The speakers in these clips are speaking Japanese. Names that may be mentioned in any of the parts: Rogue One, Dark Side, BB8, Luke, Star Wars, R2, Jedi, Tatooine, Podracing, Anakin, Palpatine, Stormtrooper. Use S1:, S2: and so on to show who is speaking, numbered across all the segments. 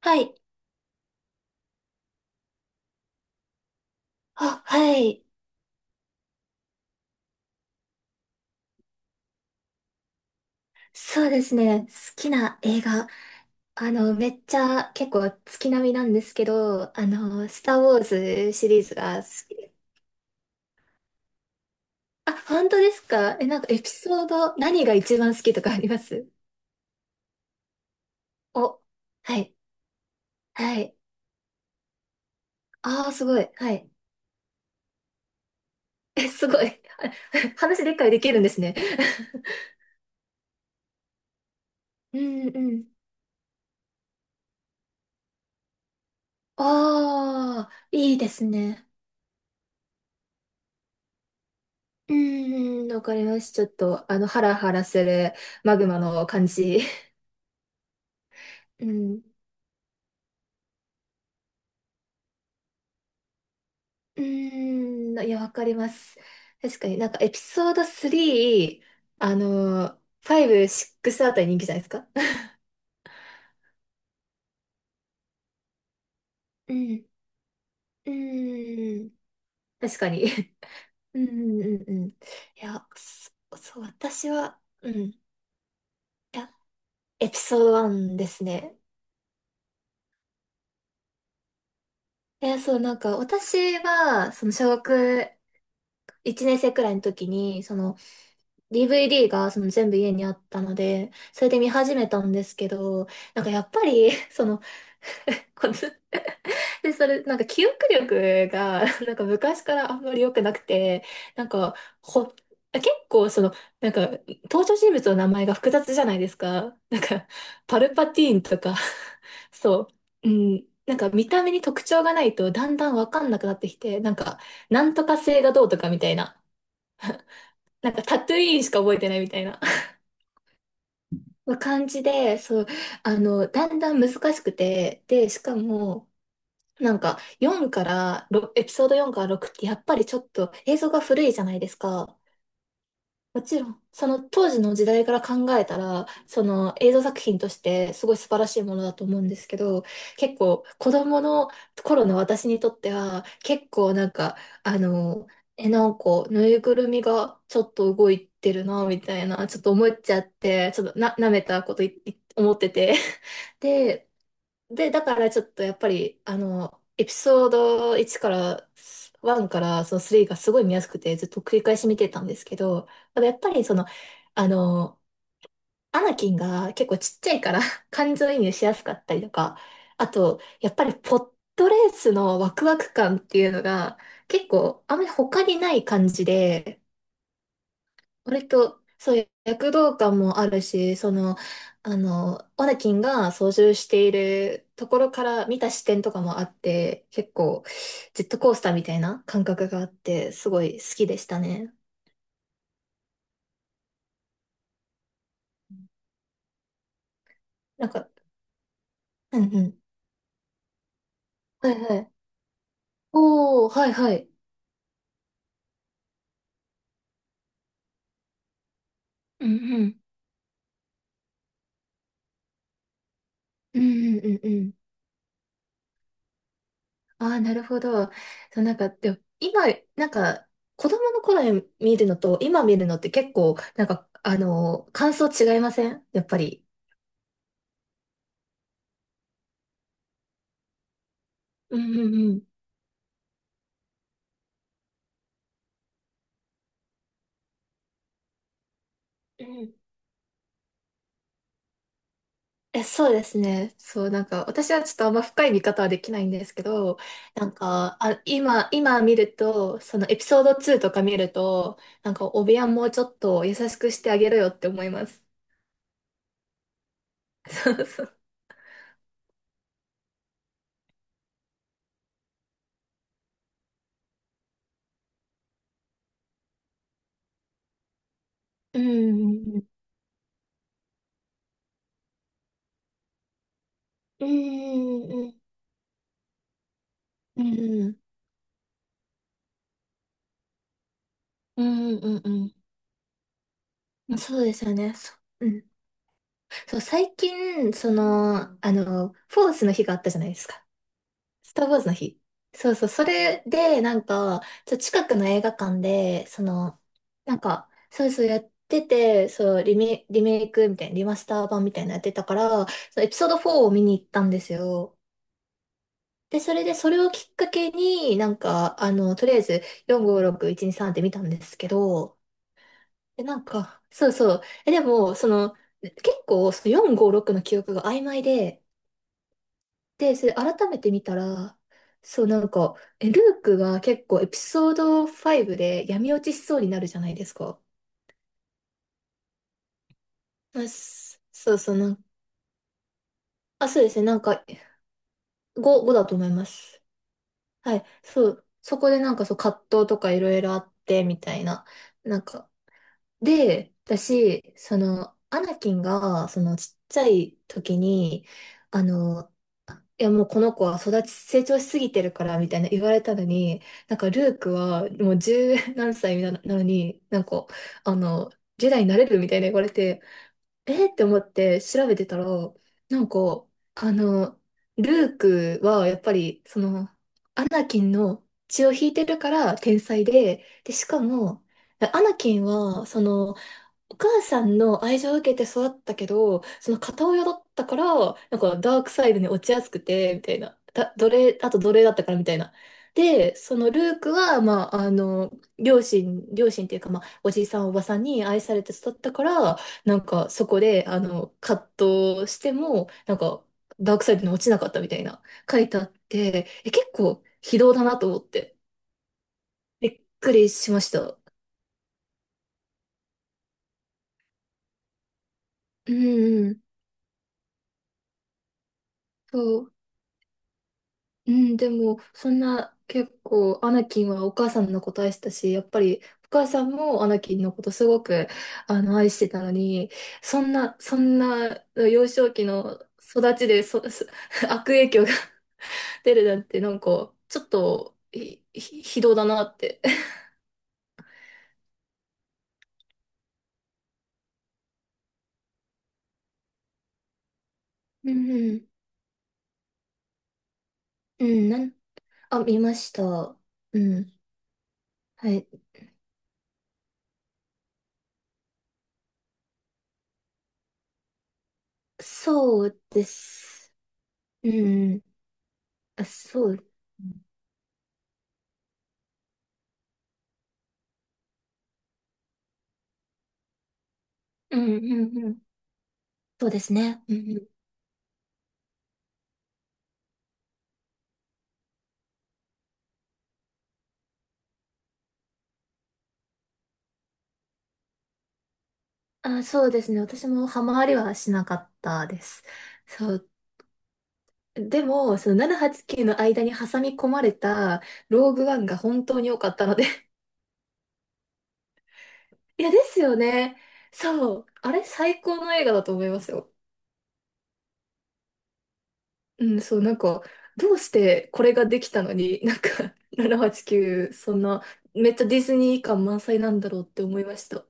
S1: はい。あ、はい。そうですね。好きな映画。めっちゃ結構月並みなんですけど、スター・ウォーズシリーズが好きです。あ、本当ですか？え、なんかエピソード、何が一番好きとかあります？お、はい。はい。ああ、すごい。はい。え、すごい。話でっかいできるんですね。うんうん。ああ、いいですね。うんうん、わかります。ちょっと、ハラハラするマグマの感じ。うん。うーん。いや、わかります。確かになんかエピソード3、あのファイブシッ5、6あたり人気じゃないですか。うん。うーん。確かに。うんうんうんうん。いや、そう、私は、うん。いや、エピソード1ですね。いや、そう、なんか、私は、小学1年生くらいの時に、DVD が全部家にあったので、それで見始めたんですけど、なんかやっぱり、こので、それ、なんか記憶力が、なんか昔からあんまり良くなくて、なんか、ほ、結構なんか、登場人物の名前が複雑じゃないですか。なんか、パルパティーンとか、そう、うん、なんか見た目に特徴がないとだんだんわかんなくなってきて、なんか、なんとか星がどうとかみたいな、なんかタトゥイーンしか覚えてないみたいな。まあ感じで、そう、だんだん難しくて、で、しかも、なんか、4から、ろエピソード4から6って、やっぱりちょっと映像が古いじゃないですか。もちろん、その当時の時代から考えたら、その映像作品としてすごい素晴らしいものだと思うんですけど、結構子供の頃の私にとっては、結構なんか、あの、なんかぬいぐるみがちょっと動いてるな、みたいな、ちょっと思っちゃって、ちょっとな、舐めたこといい思ってて。でで、だからちょっとやっぱり、エピソード1から、1からその3がすごい見やすくてずっと繰り返し見てたんですけど、ただやっぱりあの、アナキンが結構ちっちゃいから 感情移入しやすかったりとか、あと、やっぱりポットレースのワクワク感っていうのが結構あんまり他にない感じで、割と、そういう躍動感もあるし、オネキンが操縦しているところから見た視点とかもあって、結構、ジェットコースターみたいな感覚があって、すごい好きでしたね。なんか、うんうん。はいはい。おー、はいはい。うんうん。うんうんうんうん。ああ、なるほど。そう、なんか、でも今、なんか、子供の頃に見るのと、今見るのって結構、なんか、感想違いません？やっぱり。うんうんうん。うん、え、そうですね。そう、なんか、私はちょっとあんま深い見方はできないんですけど、なんか、あ、今見ると、そのエピソード2とか見ると、なんか、お部屋もうちょっと優しくしてあげろよって思います。そうそう。うん、うん、うん、うん、うん、うん、うん、うん、そうですよね。そう、うん。そう、最近、フォースの日があったじゃないですか。スター・ウォーズの日。そうそう、それで、なんか、近くの映画館で、なんか、そうそうやってて、そう、リメイクみたいな、リマスター版みたいなのやってたから、そのエピソード4を見に行ったんですよ。で、それで、それをきっかけに、なんか、とりあえず、4、5、6、1、2、3って見たんですけど、で、なんか、そうそう、え、でも、その、結構、その4、5、6の記憶が曖昧で、で、それ改めて見たら、そうなんか、え、ルークが結構エピソード5で闇落ちしそうになるじゃないですか。まあ、すそうそうなん、あ、そうですね、なんか5だと思います。はい、そう、そこでなんかそう葛藤とかいろいろあってみたいな。なんか、で、私、アナキンがそのちっちゃい時に、あの、いやもうこの子は成長しすぎてるからみたいな言われたのに、なんかルークはもう十何歳なのに、なんか、あの、ジェダイになれるみたいな言われて、えーって思って調べてたら、なんか、あの、ルークはやっぱり、その、アナキンの血を引いてるから天才で、で、しかも、アナキンは、お母さんの愛情を受けて育ったけど、その片親だったから、なんかダークサイドに落ちやすくて、みたいな。奴隷、あと奴隷だったからみたいな。で、そのルークは、まあ、両親、両親っていうか、まあ、おじいさんおばさんに愛されて育ったから、なんかそこで、葛藤しても、なんか、ダークサイドに落ちなかったみたいな、書いてあって、え、結構、非道だなと思って、びっくりしました。うんうん、そう。うん、でも、そんな、結構、アナキンはお母さんのこと愛してたし、やっぱり、お母さんもアナキンのことすごく、愛してたのに、そんな、幼少期の育ちで、悪影響が 出るなんて、なんか、ちょっと、ひどだなって。うんうん。うん、あ、見ました。うん。はい。そうです。うんうん。あ、そう。うんうんうんうん。そうですね。うんうん、あ、そうですね。私もハマりはしなかったです。そう。でも、その789の間に挟み込まれたローグワンが本当に良かったので いや、ですよね。そう。あれ、最高の映画だと思いますよ。うん、そう、なんか、どうしてこれができたのに、なんか、789、そんな、めっちゃディズニー感満載なんだろうって思いました。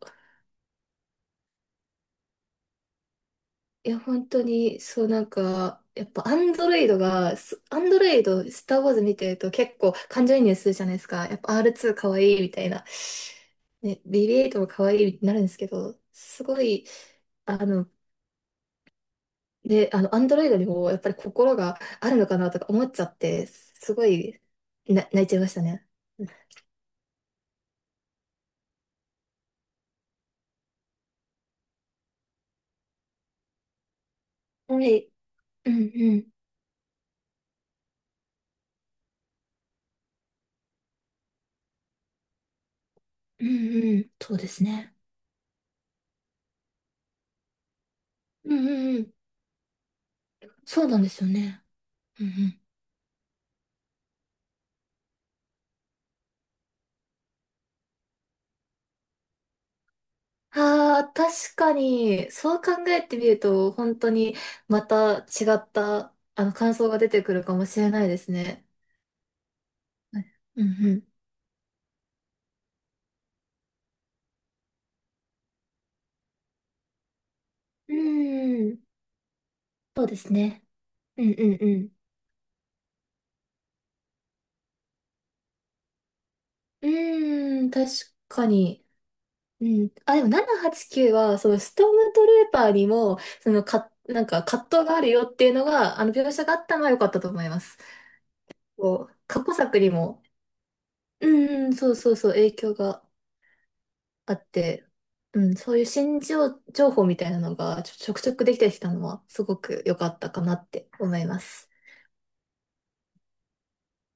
S1: いや、本当に、そう、なんか、やっぱ、アンドロイド、スター・ウォーズ見てると結構感情移入するじゃないですか。やっぱ R2 かわいいみたいな。ね、BB8 もかわいいになるんですけど、すごい、あの、で、あの、アンドロイドにもやっぱり心があるのかなとか思っちゃって、すごい、泣いちゃいましたね。はい。うんうん。うんうん。そうですね。うんうんうん。そうなんですよね。うんうん、ああ、確かに、そう考えてみると、本当にまた違った、感想が出てくるかもしれないですね。はい、うんうん。うーん、そうですね。うんうんうん。うーん、確かに。うん。あ、でも789はちきゅうは、そのストームトルーパーにも、そのか、なんか葛藤があるよっていうのが、描写があったのは良かったと思います。こう、過去作にも、うんうん、そうそうそう、影響があって、うん、そういう情報みたいなのがちょくちょくできてきたのはすごく良かったかなって思います。